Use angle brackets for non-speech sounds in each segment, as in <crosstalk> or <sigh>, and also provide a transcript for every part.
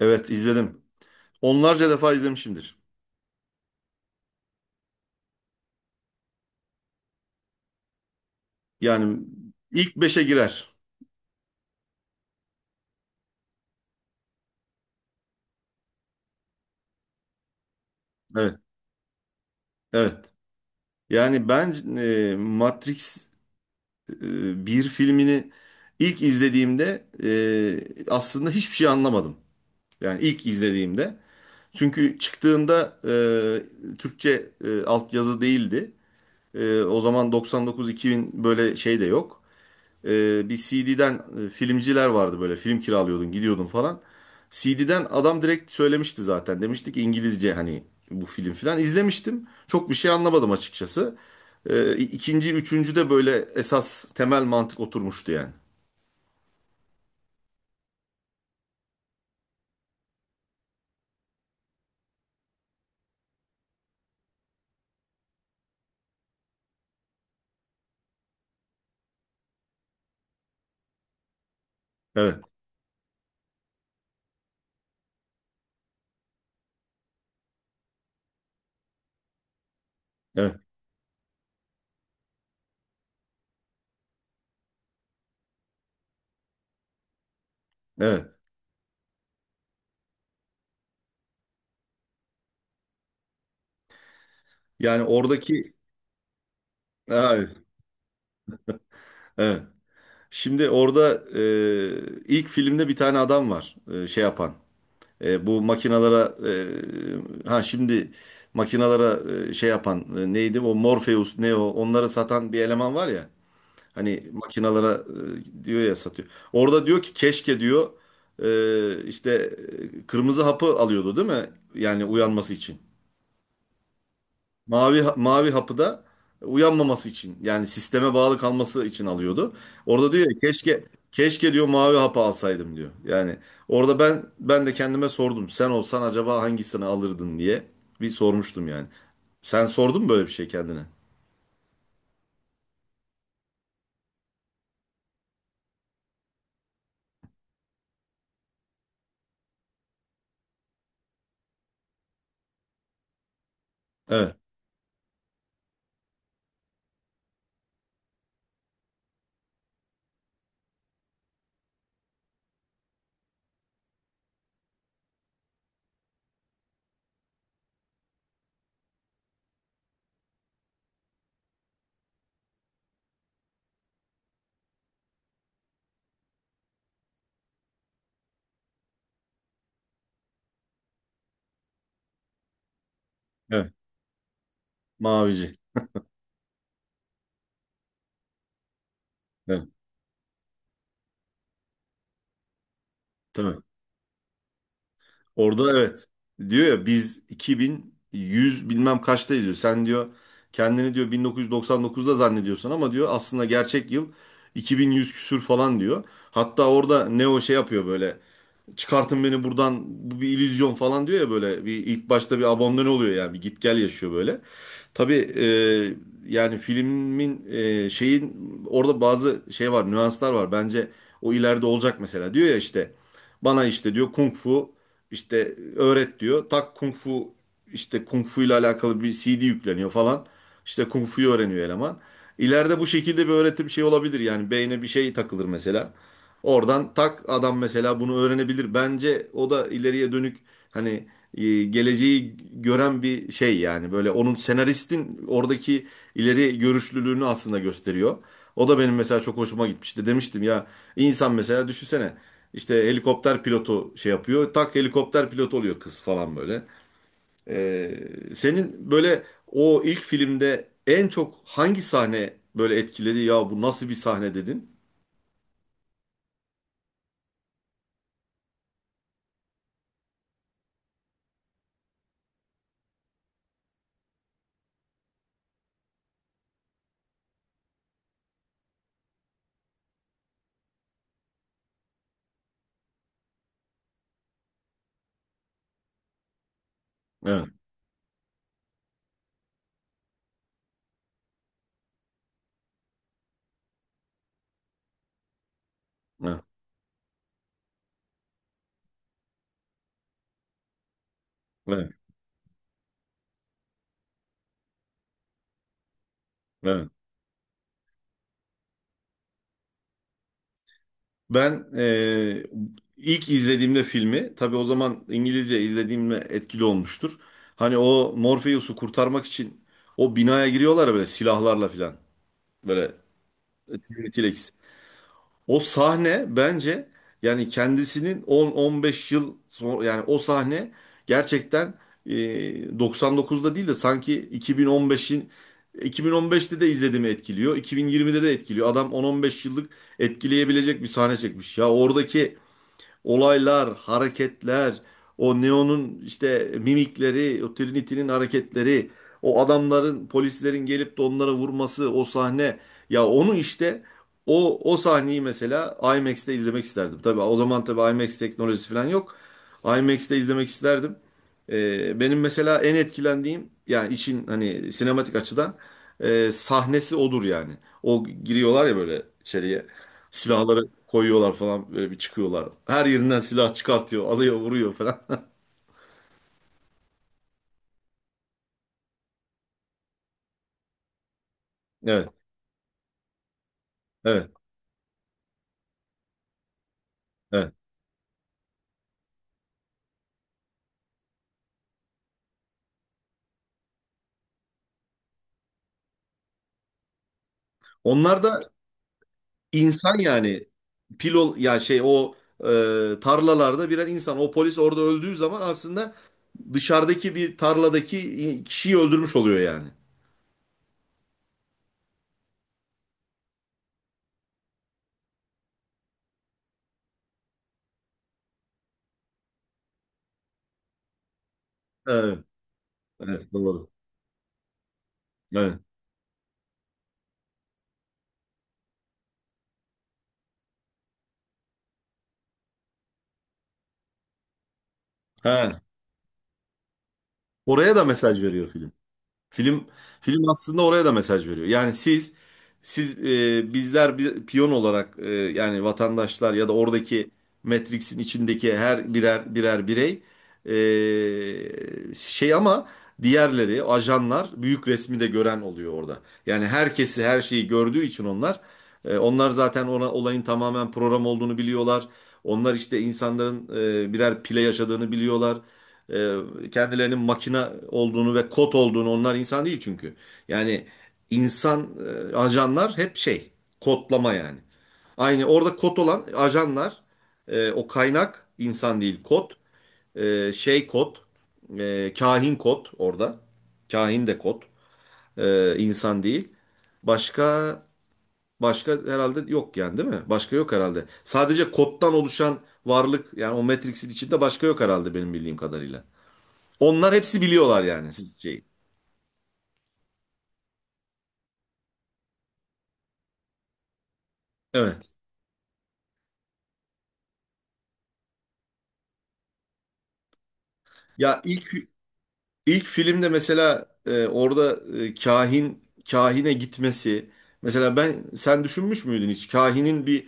Evet izledim. Onlarca defa izlemişimdir. Yani ilk beşe girer. Evet, evet. Yani ben Matrix bir filmini ilk izlediğimde aslında hiçbir şey anlamadım. Yani ilk izlediğimde. Çünkü çıktığında Türkçe altyazı değildi. O zaman 99-2000 böyle şey de yok. Bir CD'den filmciler vardı, böyle film kiralıyordun, gidiyordun falan. CD'den adam direkt söylemişti, zaten demiştik İngilizce, hani bu film filan izlemiştim. Çok bir şey anlamadım açıkçası. İkinci, üçüncü de böyle esas temel mantık oturmuştu yani. Evet, evet, evet. Yani oradaki evet, evet. Şimdi orada ilk filmde bir tane adam var, şey yapan. Bu makinalara, ha şimdi makinalara şey yapan, neydi o, Morpheus, Neo, onları satan bir eleman var ya. Hani makinalara diyor ya, satıyor. Orada diyor ki keşke diyor, işte, kırmızı hapı alıyordu değil mi? Yani uyanması için. Mavi mavi hapı da uyanmaması için, yani sisteme bağlı kalması için alıyordu. Orada diyor ya, keşke, diyor mavi hapı alsaydım diyor. Yani orada ben de kendime sordum. Sen olsan acaba hangisini alırdın diye bir sormuştum yani. Sen sordun mu böyle bir şey kendine? Evet. Evet. Mavici. Evet. Tabii. Orada evet. Diyor ya, biz 2100 bilmem kaçtayız diyor. Sen diyor, kendini diyor 1999'da zannediyorsun ama diyor aslında gerçek yıl 2100 küsür falan diyor. Hatta orada Neo şey yapıyor böyle, "Çıkartın beni buradan, bu bir illüzyon" falan diyor ya. Böyle bir ilk başta bir abandone oluyor yani, bir git gel yaşıyor böyle. Tabii, yani filmin, şeyin, orada bazı şey var, nüanslar var bence. O ileride olacak mesela, diyor ya işte, bana işte diyor kung fu işte öğret diyor, tak, kung fu işte, kung fu ile alakalı bir CD yükleniyor falan, işte kung fu'yu öğreniyor eleman. İleride bu şekilde bir öğretim şey olabilir yani, beyne bir şey takılır mesela. Oradan tak adam mesela bunu öğrenebilir. Bence o da ileriye dönük, hani geleceği gören bir şey yani. Böyle onun, senaristin oradaki ileri görüşlülüğünü aslında gösteriyor. O da benim mesela çok hoşuma gitmişti. Demiştim ya, insan mesela düşünsene, işte helikopter pilotu şey yapıyor, tak, helikopter pilotu oluyor kız falan böyle. Ee, senin böyle o ilk filmde en çok hangi sahne böyle etkiledi? Ya bu nasıl bir sahne dedin? Evet, evet, evet, evet. Ben, ilk izlediğimde filmi, tabii o zaman İngilizce izlediğimde etkili olmuştur. Hani o Morpheus'u kurtarmak için o binaya giriyorlar ya, böyle silahlarla filan. Böyle T-Rex. O sahne bence, yani kendisinin 10-15 yıl sonra, yani o sahne gerçekten, 99'da değil de sanki 2015'te de izlediğimi etkiliyor. 2020'de de etkiliyor. Adam 10-15 yıllık etkileyebilecek bir sahne çekmiş. Ya oradaki olaylar, hareketler, o Neo'nun işte mimikleri, o Trinity'nin hareketleri, o adamların, polislerin gelip de onlara vurması, o sahne. Ya onu işte, o sahneyi mesela IMAX'te izlemek isterdim. Tabii o zaman tabii IMAX teknolojisi falan yok. IMAX'te izlemek isterdim. Benim mesela en etkilendiğim, yani için hani sinematik açıdan sahnesi odur yani. O giriyorlar ya böyle içeriye. Silahları koyuyorlar falan, böyle bir çıkıyorlar. Her yerinden silah çıkartıyor, alıyor, vuruyor falan. <laughs> Evet, evet, evet. Onlar da insan yani. Pilot ya şey, o tarlalarda birer insan. O polis orada öldüğü zaman aslında dışarıdaki bir tarladaki kişiyi öldürmüş oluyor yani. Evet, evet, doğru. Evet. He. Oraya da mesaj veriyor film. Film film aslında oraya da mesaj veriyor. Yani siz, bizler bir piyon olarak, yani vatandaşlar, ya da oradaki Matrix'in içindeki her birer birer birey, şey, ama diğerleri, ajanlar, büyük resmi de gören oluyor orada. Yani herkesi her şeyi gördüğü için onlar zaten ona, olayın tamamen program olduğunu biliyorlar. Onlar işte insanların birer pile yaşadığını biliyorlar. E, kendilerinin makina olduğunu ve kod olduğunu, onlar insan değil çünkü. Yani insan, ajanlar hep şey, kodlama yani. Aynı orada kod olan ajanlar, o kaynak, insan değil kod, şey kod, kahin kod, orada kahin de kod, insan değil. Başka başka herhalde yok yani, değil mi? Başka yok herhalde. Sadece koddan oluşan varlık yani, o Matrix'in içinde başka yok herhalde, benim bildiğim kadarıyla. Onlar hepsi biliyorlar yani, şey. Evet. Ya ilk filmde mesela, orada kahine gitmesi mesela, sen düşünmüş müydün hiç, kahinin bir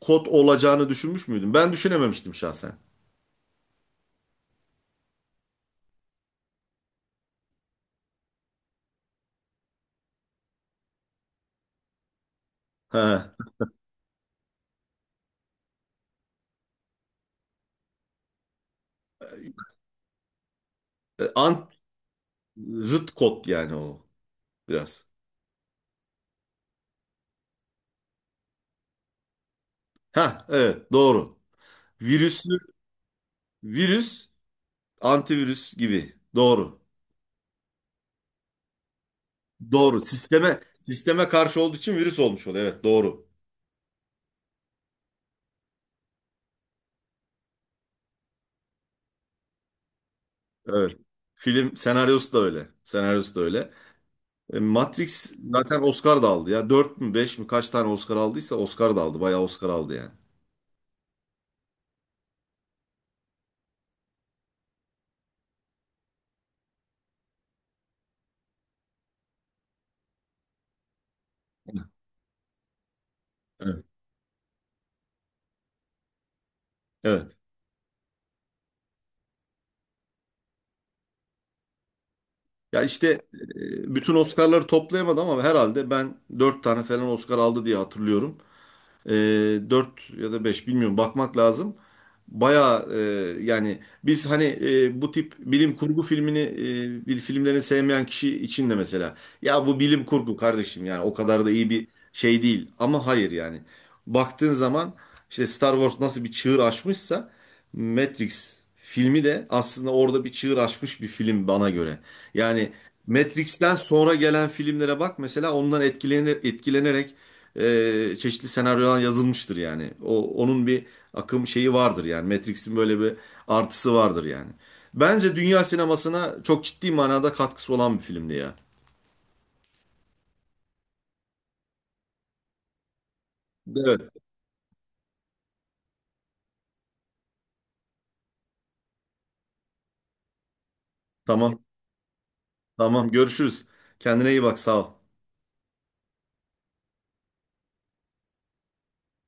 kod olacağını düşünmüş müydün? Ben düşünememiştim şahsen. Ha. E, Ant zıt kod yani o, biraz. Ha, evet, doğru. Virüsü virüs, antivirüs gibi. Doğru. Doğru. Sisteme karşı olduğu için virüs olmuş oluyor. Evet, doğru. Evet. Film senaryosu da öyle. Senaryosu da öyle. Matrix zaten Oscar da aldı ya. Dört mü, 5 mi, kaç tane Oscar aldıysa, Oscar da aldı. Bayağı Oscar aldı yani. Evet. Evet. Ya işte bütün Oscar'ları toplayamadı ama herhalde ben 4 tane falan Oscar aldı diye hatırlıyorum. E, 4 ya da 5 bilmiyorum, bakmak lazım. Bayağı, yani biz hani, bu tip bilim kurgu filmini, filmlerini sevmeyen kişi için de mesela, ya bu bilim kurgu kardeşim yani o kadar da iyi bir şey değil, ama hayır, yani baktığın zaman, işte Star Wars nasıl bir çığır açmışsa, Matrix filmi de aslında orada bir çığır açmış bir film bana göre. Yani Matrix'ten sonra gelen filmlere bak mesela, ondan etkilenir, etkilenerek çeşitli senaryolar yazılmıştır yani. Onun bir akım şeyi vardır yani. Matrix'in böyle bir artısı vardır yani. Bence dünya sinemasına çok ciddi manada katkısı olan bir filmdi ya. Evet. Tamam. Tamam. Görüşürüz. Kendine iyi bak. Sağ ol.